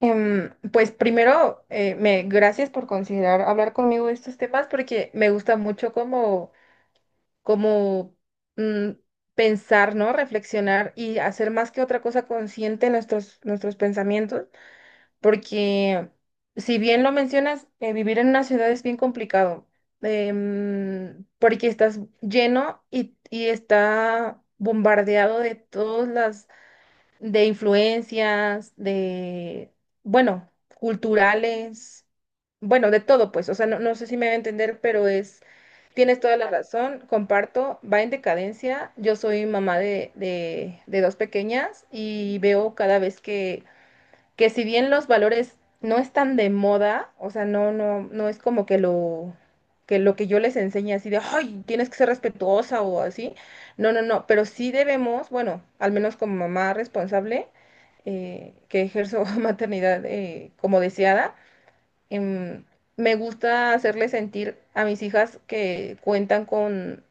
Pues primero, gracias por considerar hablar conmigo de estos temas porque me gusta mucho como mm, pensar, ¿no? Reflexionar y hacer más que otra cosa consciente nuestros pensamientos, porque si bien lo mencionas, vivir en una ciudad es bien complicado, porque estás lleno y está bombardeado de todas las de influencias, de, bueno, culturales, bueno, de todo, pues, o sea, no, no sé si me va a entender, pero es, tienes toda la razón, comparto, va en decadencia. Yo soy mamá de dos pequeñas y veo cada vez que si bien los valores no están de moda, o sea, no, no, no es como que lo que yo les enseñe así de, ay, tienes que ser respetuosa o así. No, no, no, pero sí debemos, bueno, al menos como mamá responsable, que ejerzo maternidad como deseada, em, me gusta hacerles sentir a mis hijas que cuentan con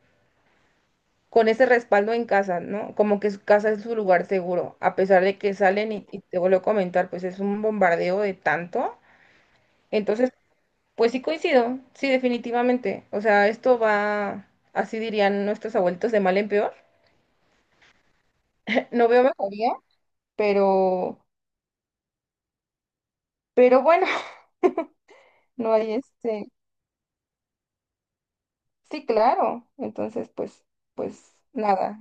con ese respaldo en casa, ¿no? Como que su casa es su lugar seguro, a pesar de que salen y te vuelvo a comentar, pues es un bombardeo de tanto. Entonces, pues sí coincido, sí, definitivamente. O sea, esto va, así dirían nuestros abuelitos, de mal en peor. No veo mejoría, pero, pero bueno, no hay este. Sí, claro. Entonces, pues, pues nada.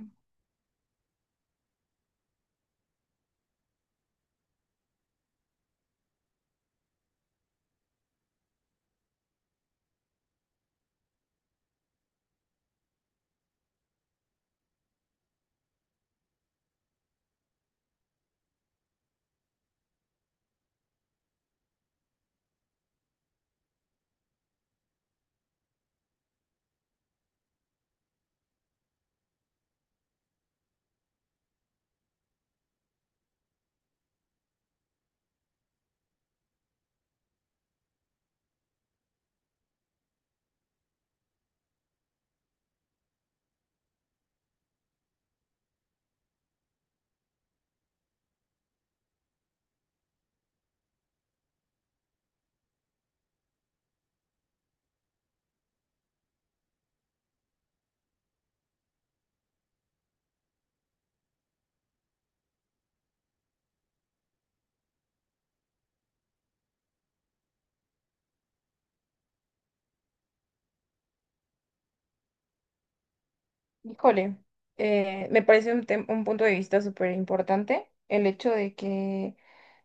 Híjole, me parece un, un punto de vista súper importante el hecho de que,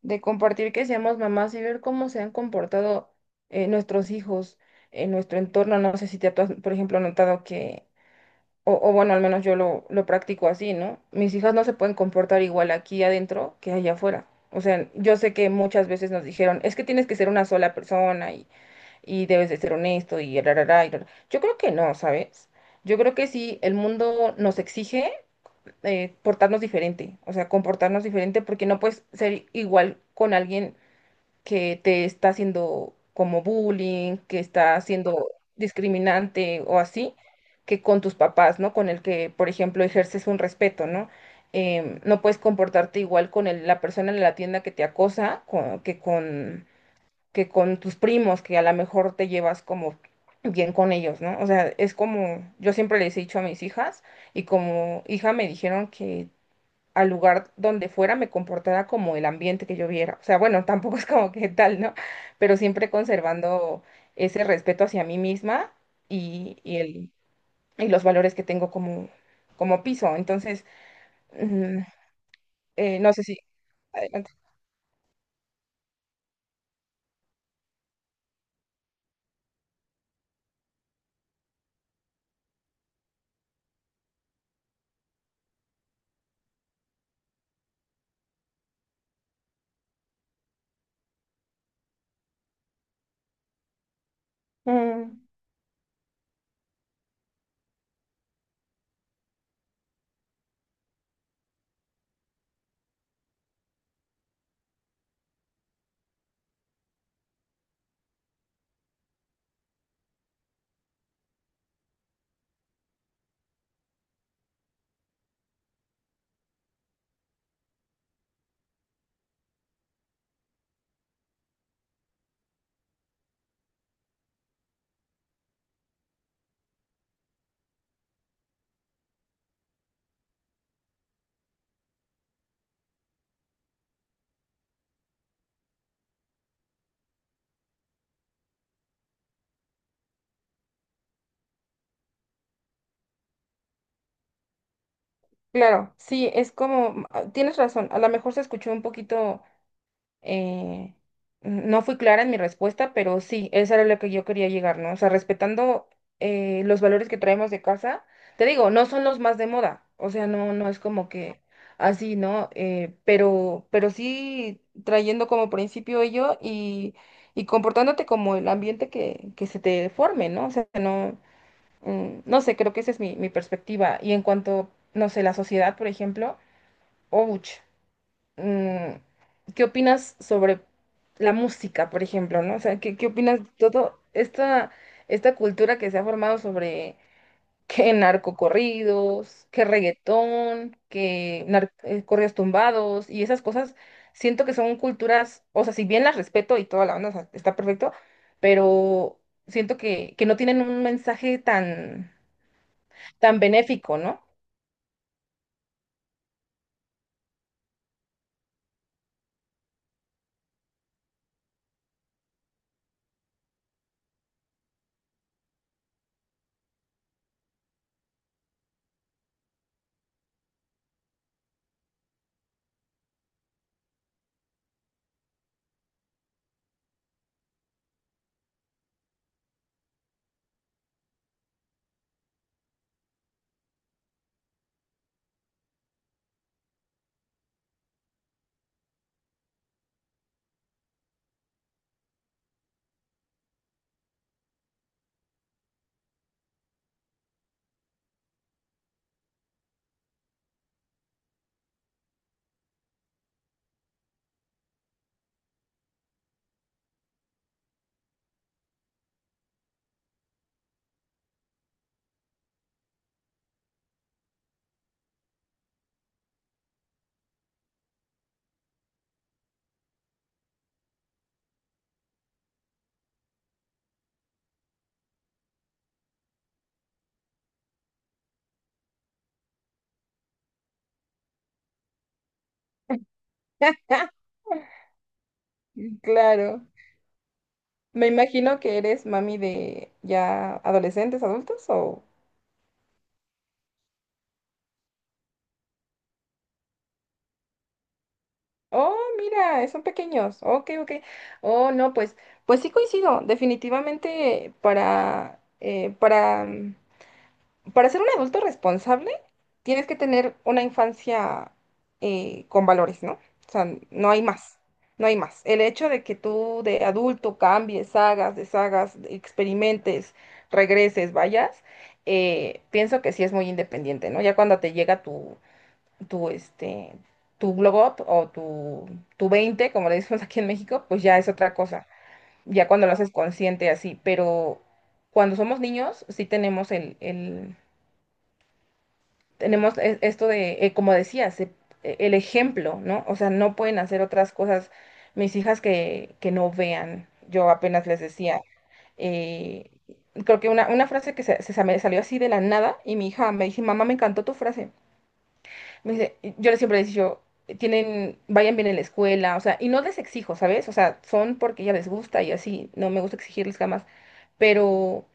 de compartir que seamos mamás y ver cómo se han comportado nuestros hijos en nuestro entorno. No sé si te has, por ejemplo, notado que, o bueno, al menos yo lo practico así, ¿no? Mis hijas no se pueden comportar igual aquí adentro que allá afuera. O sea, yo sé que muchas veces nos dijeron, es que tienes que ser una sola persona y debes de ser honesto y rarará, y rará. Yo creo que no, ¿sabes? Yo creo que sí, el mundo nos exige portarnos diferente, o sea, comportarnos diferente porque no puedes ser igual con alguien que te está haciendo como bullying, que está haciendo discriminante o así, que con tus papás, ¿no? Con el que, por ejemplo, ejerces un respeto, ¿no? No puedes comportarte igual con la persona en la tienda que te acosa que con tus primos, que a lo mejor te llevas como bien con ellos, ¿no? O sea, es como, yo siempre les he dicho a mis hijas y como hija me dijeron que al lugar donde fuera me comportara como el ambiente que yo viera. O sea, bueno, tampoco es como que tal, ¿no? Pero siempre conservando ese respeto hacia mí misma y, y el, y los valores que tengo como, como piso. Entonces, mm, no sé si... Adelante. Mm. Claro, sí, es como, ah, tienes razón, a lo mejor se escuchó un poquito, eh, no fui clara en mi respuesta, pero sí, eso era lo que yo quería llegar, ¿no? O sea, respetando los valores que traemos de casa, te digo, no son los más de moda, o sea, no, no es como que así, ¿no? Pero sí trayendo como principio ello y comportándote como el ambiente que se te forme, ¿no? O sea, no. No sé, creo que esa es mi, mi perspectiva. Y en cuanto, no sé, la sociedad, por ejemplo, ouch, mm, ¿qué opinas sobre la música, por ejemplo, ¿no? O sea, ¿qué, qué opinas de todo esta, esta cultura que se ha formado sobre qué narcocorridos, qué reggaetón, qué corridos tumbados y esas cosas? Siento que son culturas, o sea, si bien las respeto y toda la onda, o sea, está perfecto, pero siento que no tienen un mensaje tan tan benéfico, ¿no? Claro. Me imagino que eres mami de ya adolescentes, adultos o... Oh, mira, son pequeños. Ok, ok. Oh, no, pues, pues sí coincido. Definitivamente para para ser un adulto responsable, tienes que tener una infancia con valores, ¿no? O sea, no hay más, no hay más. El hecho de que tú de adulto cambies, hagas, deshagas, experimentes, regreses, vayas, pienso que sí es muy independiente, ¿no? Ya cuando te llega tu, este, tu glow up o tu 20, como le decimos aquí en México, pues ya es otra cosa. Ya cuando lo haces consciente así, pero cuando somos niños sí tenemos esto de, como decías, el ejemplo, ¿no? O sea, no pueden hacer otras cosas mis hijas que no vean. Yo apenas les decía, eh, creo que una frase que se, me salió así de la nada y mi hija me dice, mamá, me encantó tu frase. Me dice, yo les siempre les digo, tienen, vayan bien en la escuela, o sea, y no les exijo, ¿sabes? O sea, son porque ya les gusta y así, no me gusta exigirles jamás pero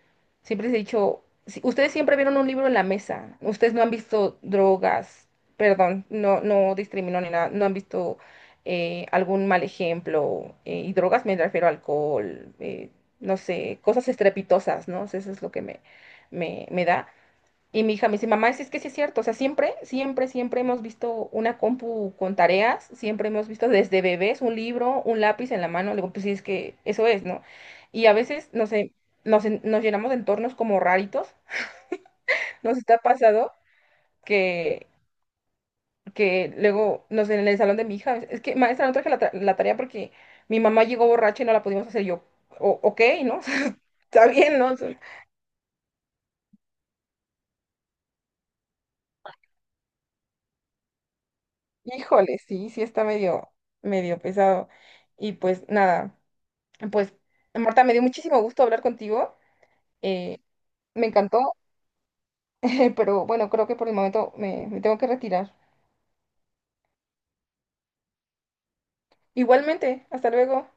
siempre les he dicho, ustedes siempre vieron un libro en la mesa, ustedes no han visto drogas, perdón, no, no discrimino ni nada, no han visto algún mal ejemplo, y drogas me refiero a alcohol, no sé, cosas estrepitosas, ¿no? O sea, eso es lo que me da. Y mi hija me dice, mamá, es que sí es cierto, o sea, siempre, siempre, siempre hemos visto una compu con tareas, siempre hemos visto desde bebés un libro, un lápiz en la mano, le digo, pues sí, es que eso es, ¿no? Y a veces, no sé, nos llenamos de entornos como raritos, nos está pasado que, que luego, no sé, en el salón de mi hija, es que maestra, no traje la tarea porque mi mamá llegó borracha y no la pudimos hacer. Y yo, o, ok, ¿no? Está bien, ¿no? O sea, híjole, sí, sí está medio, medio pesado. Y pues nada. Pues, Marta, me dio muchísimo gusto hablar contigo. eh, Me encantó, pero bueno, creo que por el momento me tengo que retirar. Igualmente, hasta luego.